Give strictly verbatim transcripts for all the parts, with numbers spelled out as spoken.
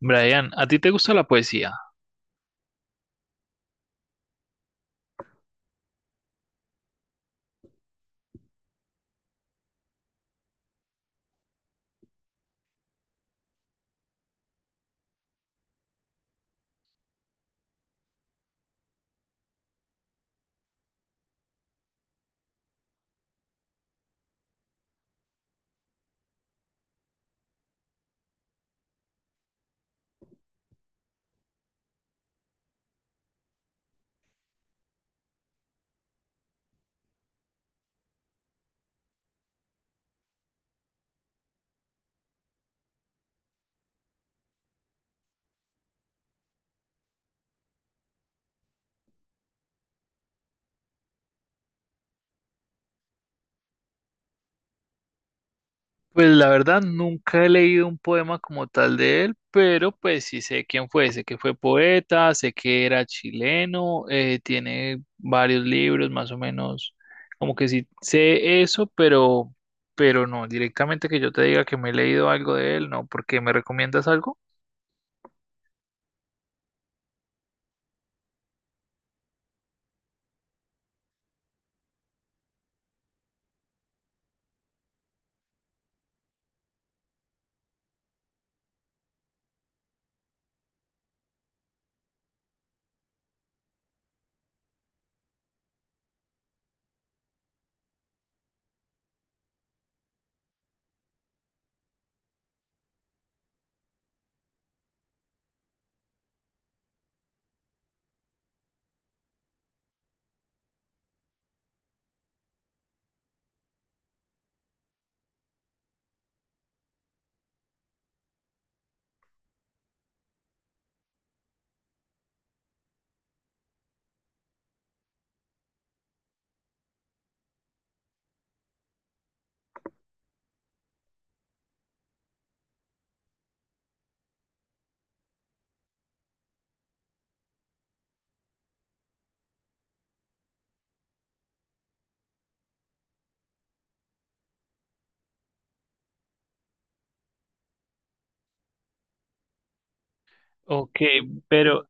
Brian, ¿a ti te gusta la poesía? Pues la verdad nunca he leído un poema como tal de él, pero pues sí sé quién fue, sé que fue poeta, sé que era chileno, eh, tiene varios libros más o menos, como que sí sé eso, pero, pero no, directamente que yo te diga que me he leído algo de él, no, porque me recomiendas algo. Ok, pero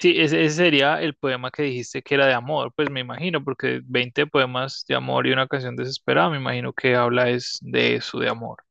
sí, ese, ese sería el poema que dijiste que era de amor, pues me imagino, porque veinte poemas de amor y una canción desesperada, me imagino que habla es de eso, de amor.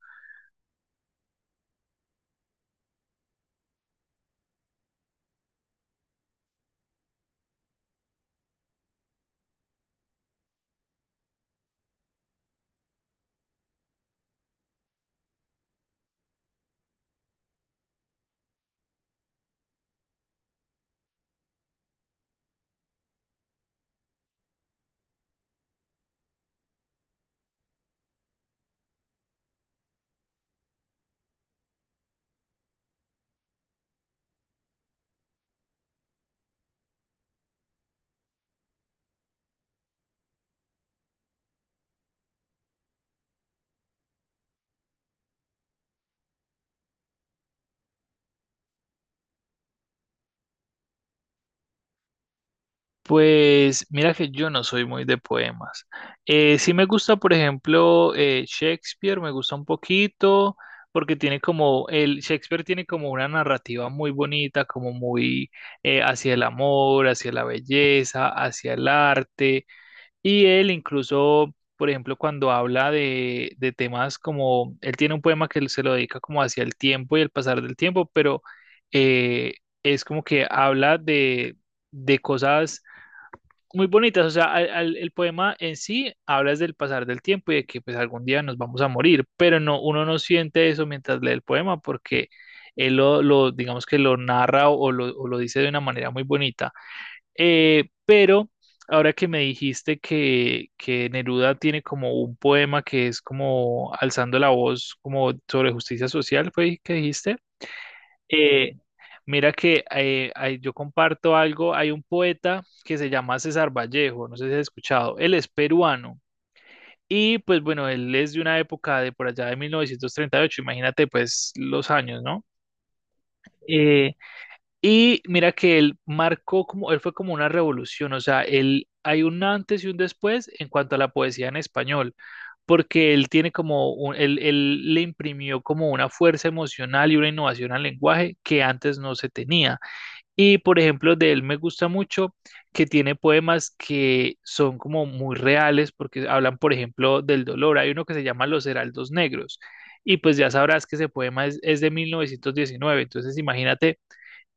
Pues mira que yo no soy muy de poemas. Eh, sí me gusta, por ejemplo, eh, Shakespeare, me gusta un poquito, porque tiene como, el Shakespeare tiene como una narrativa muy bonita, como muy eh, hacia el amor, hacia la belleza, hacia el arte. Y él incluso, por ejemplo, cuando habla de, de temas como, él tiene un poema que él se lo dedica como hacia el tiempo y el pasar del tiempo, pero eh, es como que habla de, de cosas muy bonitas, o sea, al- al- el poema en sí hablas del pasar del tiempo y de que pues algún día nos vamos a morir, pero no, uno no siente eso mientras lee el poema porque él lo, lo, digamos que lo narra o lo, o lo dice de una manera muy bonita. Eh, pero ahora que me dijiste que, que Neruda tiene como un poema que es como alzando la voz como sobre justicia social, ¿fue que dijiste? Eh, Mira que eh, ahí yo comparto algo, hay un poeta que se llama César Vallejo, no sé si has escuchado, él es peruano y pues bueno, él es de una época de por allá de mil novecientos treinta y ocho. Imagínate pues los años, ¿no? Eh, y mira que él marcó como, él fue como una revolución, o sea, él hay un antes y un después en cuanto a la poesía en español, porque él tiene como, un- él, él le imprimió como una fuerza emocional y una innovación al lenguaje que antes no se tenía. Y por ejemplo, de él me gusta mucho que tiene poemas que son como muy reales porque hablan, por ejemplo, del dolor. Hay uno que se llama Los Heraldos Negros. Y pues ya sabrás que ese poema es, es de mil novecientos diecinueve. Entonces imagínate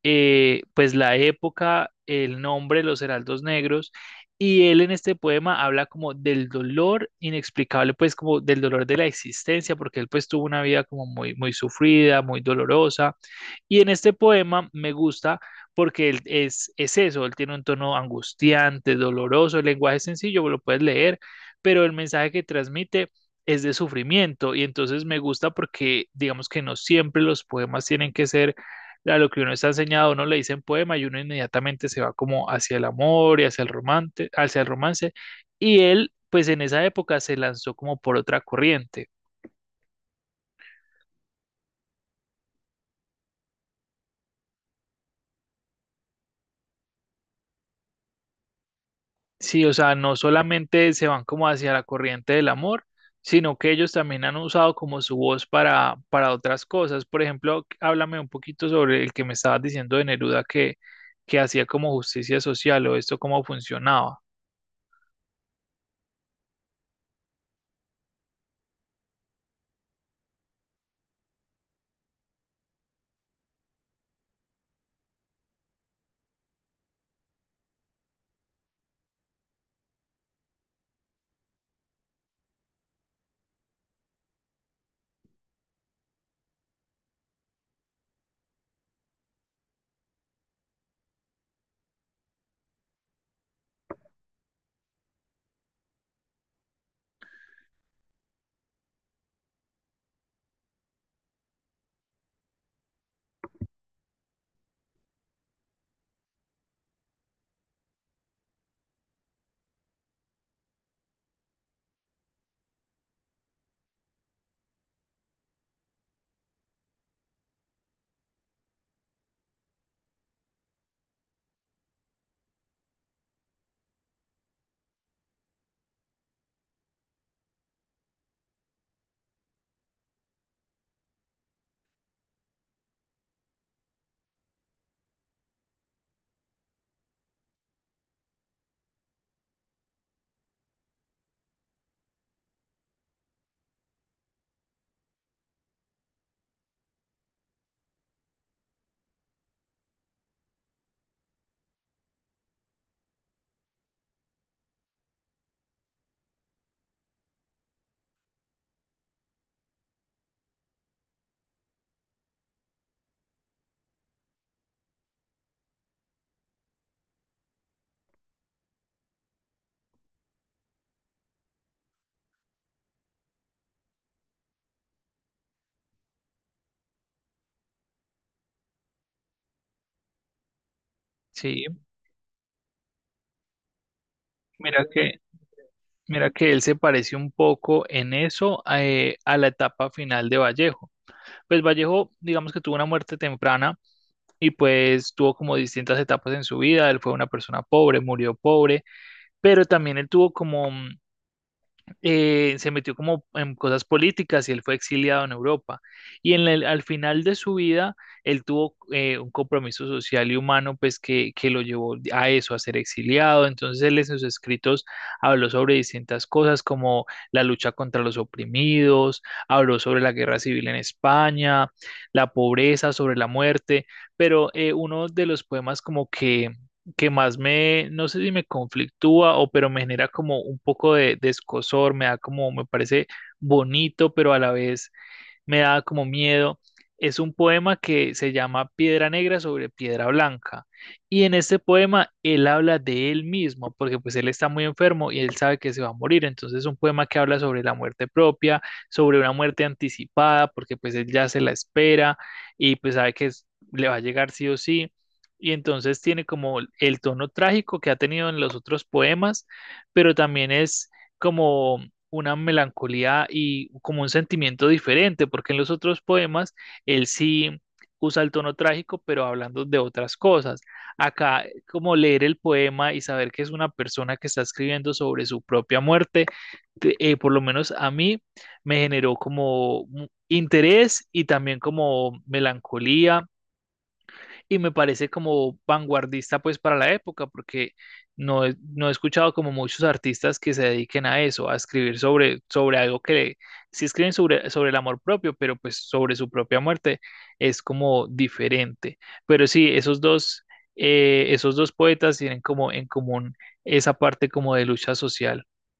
eh, pues la época, el nombre, Los Heraldos Negros. Y él en este poema habla como del dolor inexplicable, pues como del dolor de la existencia, porque él pues tuvo una vida como muy, muy sufrida, muy dolorosa y en este poema me gusta porque él es, es eso, él tiene un tono angustiante, doloroso, el lenguaje es sencillo, lo puedes leer, pero el mensaje que transmite es de sufrimiento y entonces me gusta porque digamos que no siempre los poemas tienen que ser a lo que uno está enseñado, a uno le dicen poema y uno inmediatamente se va como hacia el amor y hacia el romance, hacia el romance y él pues en esa época se lanzó como por otra corriente. Sí, o sea, no solamente se van como hacia la corriente del amor, sino que ellos también han usado como su voz para, para otras cosas. Por ejemplo, háblame un poquito sobre el que me estabas diciendo de Neruda que, que hacía como justicia social o esto cómo funcionaba. Sí, mira que, mira que él se parece un poco en eso eh, a la etapa final de Vallejo. Pues Vallejo, digamos que tuvo una muerte temprana y pues tuvo como distintas etapas en su vida. Él fue una persona pobre, murió pobre pero también él tuvo como, mm, eh, se metió como en cosas políticas y él fue exiliado en Europa. Y en el- al final de su vida, él tuvo eh, un compromiso social y humano, pues que, que lo llevó a eso, a ser exiliado. Entonces él en sus escritos habló sobre distintas cosas como la lucha contra los oprimidos, habló sobre la guerra civil en España, la pobreza, sobre la muerte, pero eh, uno de los poemas como que que más me, no sé si me conflictúa o pero me genera como un poco de, de escozor, me da como, me parece bonito, pero a la vez me da como miedo. Es un poema que se llama Piedra Negra sobre Piedra Blanca. Y en este poema él habla de él mismo, porque pues él está muy enfermo y él sabe que se va a morir. Entonces es un poema que habla sobre la muerte propia, sobre una muerte anticipada, porque pues él ya se la espera y pues sabe que es- le va a llegar sí o sí. Y entonces tiene como el tono trágico que ha tenido en los otros poemas, pero también es como una melancolía y como un sentimiento diferente, porque en los otros poemas él sí usa el tono trágico, pero hablando de otras cosas. Acá, como leer el poema y saber que es una persona que está escribiendo sobre su propia muerte, te- eh, por lo menos a mí me generó como mu- interés y también como melancolía y me parece como vanguardista pues para la época, porque no he, no he escuchado como muchos artistas que se dediquen a eso, a escribir sobre, sobre algo que sí escriben sobre, sobre el amor propio, pero pues sobre su propia muerte es como diferente. Pero sí, esos dos, eh, esos dos poetas tienen como en común esa parte como de lucha social.